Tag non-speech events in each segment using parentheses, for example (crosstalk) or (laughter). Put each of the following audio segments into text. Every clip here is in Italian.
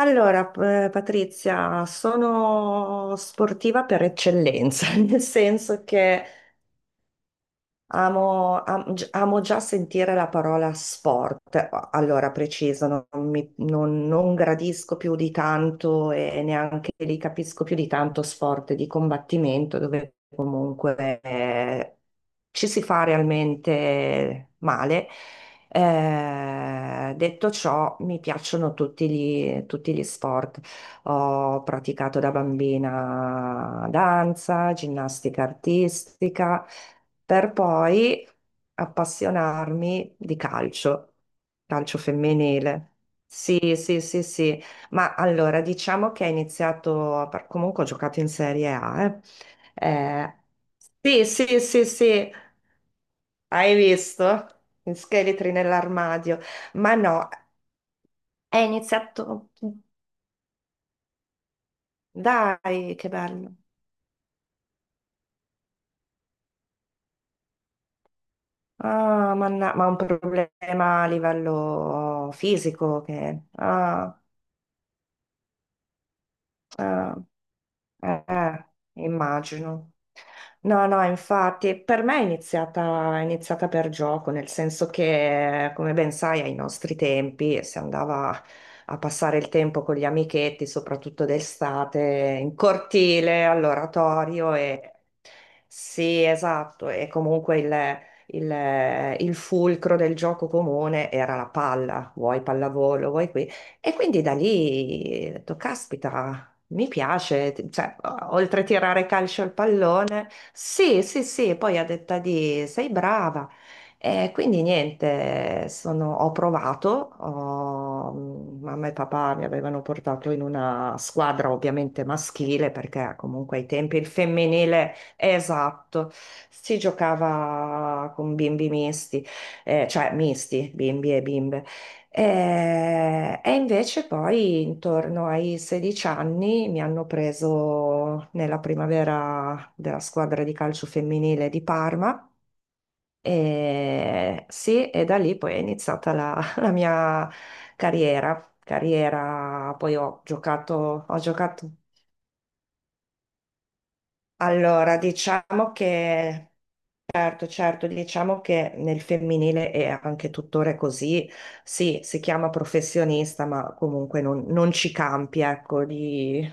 Allora, Patrizia, sono sportiva per eccellenza, (laughs) nel senso che amo già sentire la parola sport. Allora, preciso, non, mi- non- non gradisco più di tanto e neanche li capisco più di tanto sport di combattimento, dove comunque ci si fa realmente male. Detto ciò, mi piacciono tutti gli sport. Ho praticato da bambina danza, ginnastica artistica, per poi appassionarmi di calcio, calcio femminile. Sì, sì, sì, sì. Ma allora diciamo che comunque ho giocato in Serie A, eh. Eh, sì, sì, sì, sì, hai visto? Gli scheletri nell'armadio. Ma no, è iniziato... Dai, che bello. Ma un problema a livello fisico che... Ah, ah. Eh, immagino. No, no, infatti per me è iniziata per gioco, nel senso che, come ben sai, ai nostri tempi si andava a passare il tempo con gli amichetti, soprattutto d'estate, in cortile, all'oratorio e sì, esatto, e comunque il fulcro del gioco comune era la palla, vuoi pallavolo, vuoi qui. E quindi da lì, ho detto, caspita. Mi piace, oltre a tirare calcio al pallone, sì, sì, sì, poi a detta di sei brava. E quindi niente, ho provato, mamma e papà mi avevano portato in una squadra ovviamente maschile, perché comunque ai tempi il femminile, esatto, si giocava con bimbi misti, cioè misti, bimbi e bimbe. Invece poi intorno ai 16 anni mi hanno preso nella primavera della squadra di calcio femminile di Parma e sì, e da lì poi è iniziata la, (laughs) la mia carriera. Carriera, poi ho giocato. Allora, diciamo che Certo, certo, diciamo che nel femminile è anche tuttora così, sì, si chiama professionista, ma comunque non ci campi, ecco, di...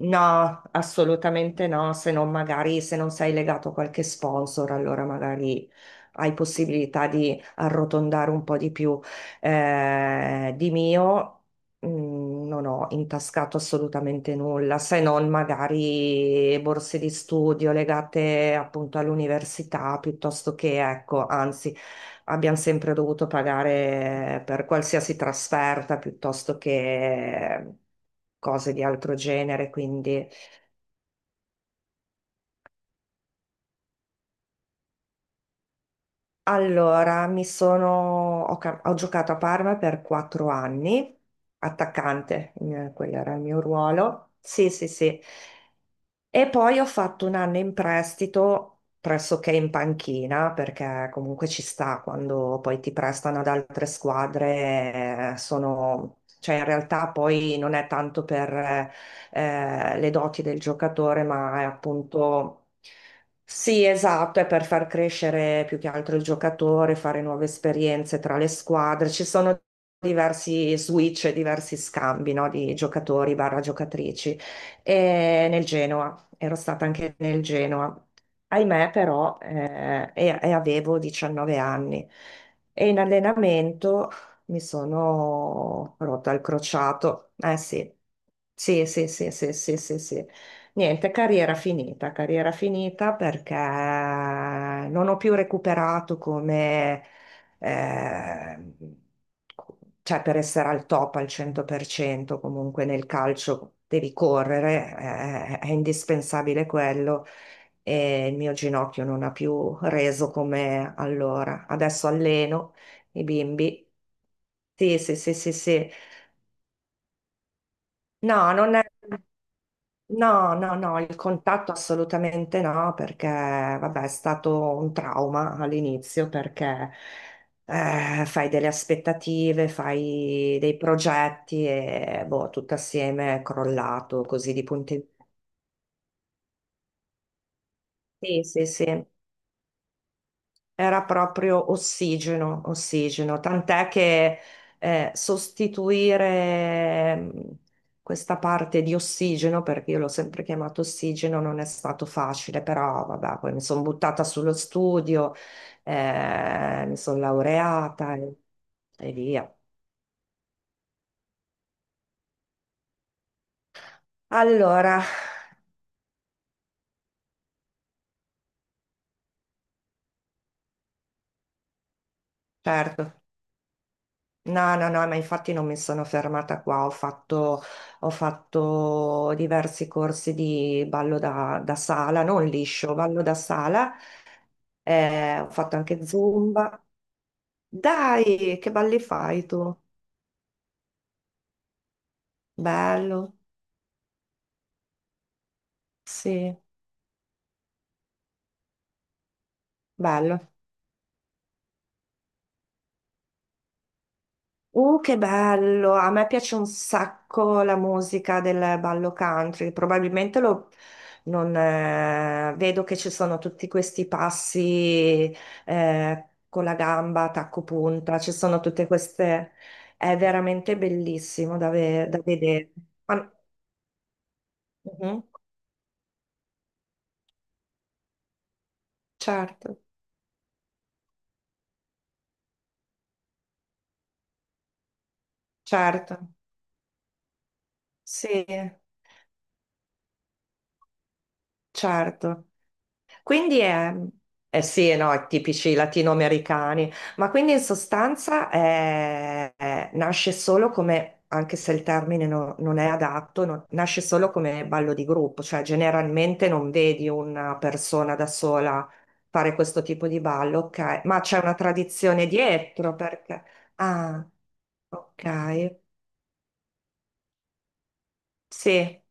No, assolutamente no, se non magari se non sei legato a qualche sponsor, allora magari hai possibilità di arrotondare un po' di più di mio. Mm, non ho intascato assolutamente nulla, se non magari borse di studio legate appunto all'università, piuttosto che, ecco, anzi, abbiamo sempre dovuto pagare per qualsiasi trasferta, piuttosto che cose di altro genere. Quindi, allora, mi sono, ho, ca- ho giocato a Parma per quattro anni, attaccante, quello era il mio ruolo. Sì, sì, sì. E poi ho fatto un anno in prestito pressoché in panchina, perché comunque ci sta quando poi ti prestano ad altre squadre, sono... Cioè, in realtà poi non è tanto per le doti del giocatore, ma è appunto... Sì, esatto, è per far crescere più che altro il giocatore, fare nuove esperienze tra le squadre. Ci sono diversi switch, diversi scambi, no, di giocatori barra giocatrici e nel Genoa, ero stata anche nel Genoa. Ahimè, però, e avevo 19 anni e in allenamento mi sono rotta il crociato. Eh sì, sì, sì, sì, sì, sì, sì, sì. Niente, carriera finita perché non ho più recuperato come eh, cioè per essere al top al 100% comunque nel calcio devi correre, è indispensabile quello e il mio ginocchio non ha più reso come allora. Adesso alleno i bimbi. Sì, sì, sì, sì, sì. No, non è. No, no, no, il contatto assolutamente no, perché vabbè, è stato un trauma all'inizio perché fai delle aspettative, fai dei progetti e boh, tutto assieme è crollato così di punti. Sì, sì, sì. Era proprio ossigeno, ossigeno, tant'è che sostituire questa parte di ossigeno, perché io l'ho sempre chiamato ossigeno, non è stato facile, però vabbè, poi mi sono buttata sullo studio, mi sono laureata e via. Allora, certo. No, no, no, ma infatti non mi sono fermata qua, ho fatto diversi corsi di ballo da sala, non liscio, ballo da sala, ho fatto anche Zumba. Dai, che balli fai tu? Bello, sì, bello. Che bello! A me piace un sacco la musica del ballo country. Probabilmente lo, non, vedo che ci sono tutti questi passi con la gamba, tacco punta, ci sono tutte queste. È veramente bellissimo da vedere. Ma- Mhm. Certo, certo, sì, certo. Quindi è, eh sì, no, è tipici latinoamericani, ma quindi in sostanza nasce solo come, anche se il termine non è adatto, nasce solo come ballo di gruppo, cioè generalmente non vedi una persona da sola fare questo tipo di ballo, ok, ma c'è una tradizione dietro perché... Ah, ok, sì,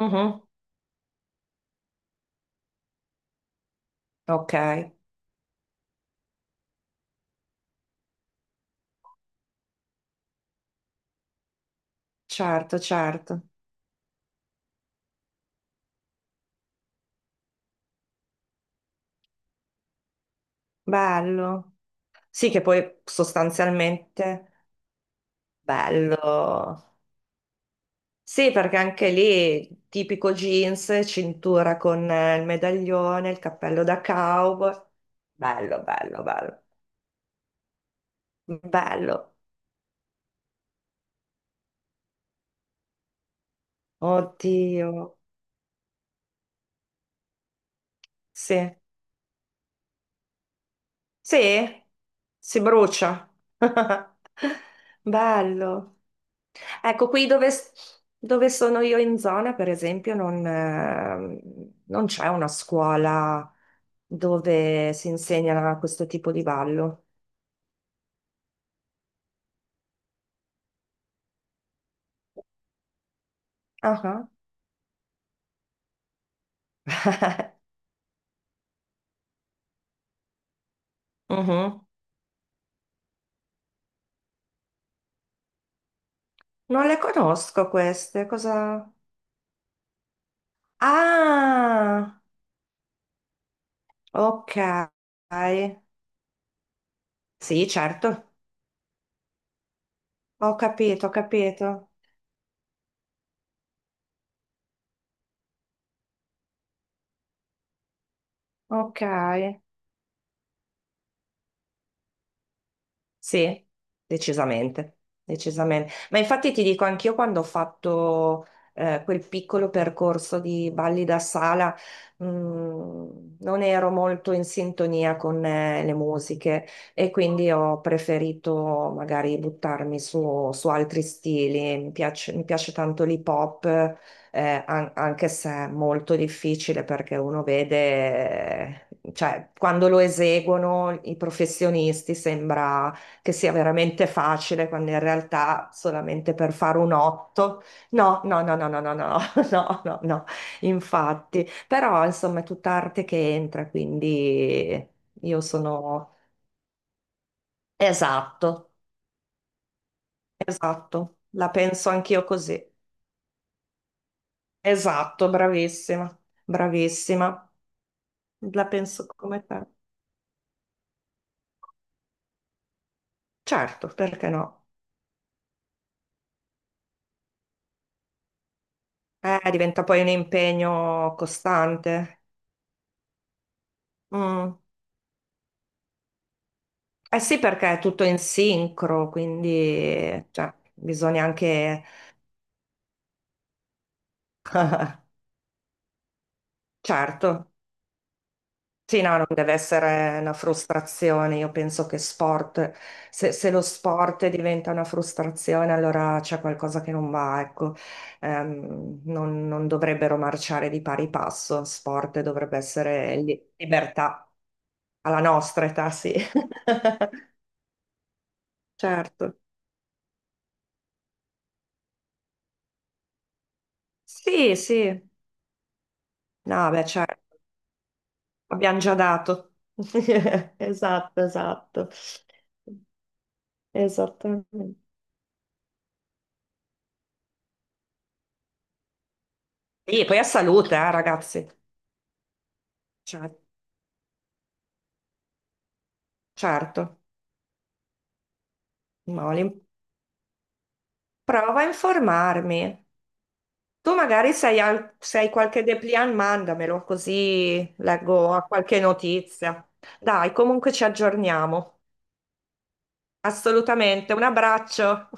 mhm, ok, certo, certo, bello. Sì, che poi sostanzialmente... Bello. Sì, perché anche lì tipico jeans, cintura con il medaglione, il cappello da cowboy. Bello, bello, bello. Bello. Oddio. Sì. Sì? Si brucia. (laughs) Bello. Ecco, qui dove, dove sono io in zona, per esempio, non c'è una scuola dove si insegna questo tipo di ballo. Ah. Mhm. Non le conosco queste, cosa... Ah, ok. Sì, certo, ho capito, ho capito. Ok. Sì, decisamente, decisamente. Ma infatti ti dico, anch'io quando ho fatto quel piccolo percorso di balli da sala, mh, non ero molto in sintonia con le musiche e quindi ho preferito magari buttarmi su altri stili. Mi piace tanto l'hip hop, anche se è molto difficile perché uno vede... Cioè, quando lo eseguono i professionisti sembra che sia veramente facile, quando in realtà solamente per fare un 8. No, no, no, no, no, no, no, (laughs) no, no, no, infatti. Però insomma è tutta arte che entra, quindi io sono... Esatto, esatto, la penso anch'io così. Esatto, bravissima, bravissima. La penso come te. Certo, perché no? Diventa poi un impegno costante. Mm. Eh sì, perché è tutto in sincro, quindi cioè, bisogna anche... (laughs) Certo, sì, no, non deve essere una frustrazione. Io penso che sport, se, se lo sport diventa una frustrazione, allora c'è qualcosa che non va, ecco. Non dovrebbero marciare di pari passo, sport dovrebbe essere libertà, alla nostra età, sì. (laughs) Certo. Sì, sì. No, beh, certo. Abbiamo già dato. (laughs) Esatto, esatto. Esattamente. E poi a salute, ragazzi. Cioè, certo, no, li- prova a informarmi. Tu magari se hai qualche dépliant, mandamelo così leggo a qualche notizia. Dai, comunque ci aggiorniamo. Assolutamente, un abbraccio.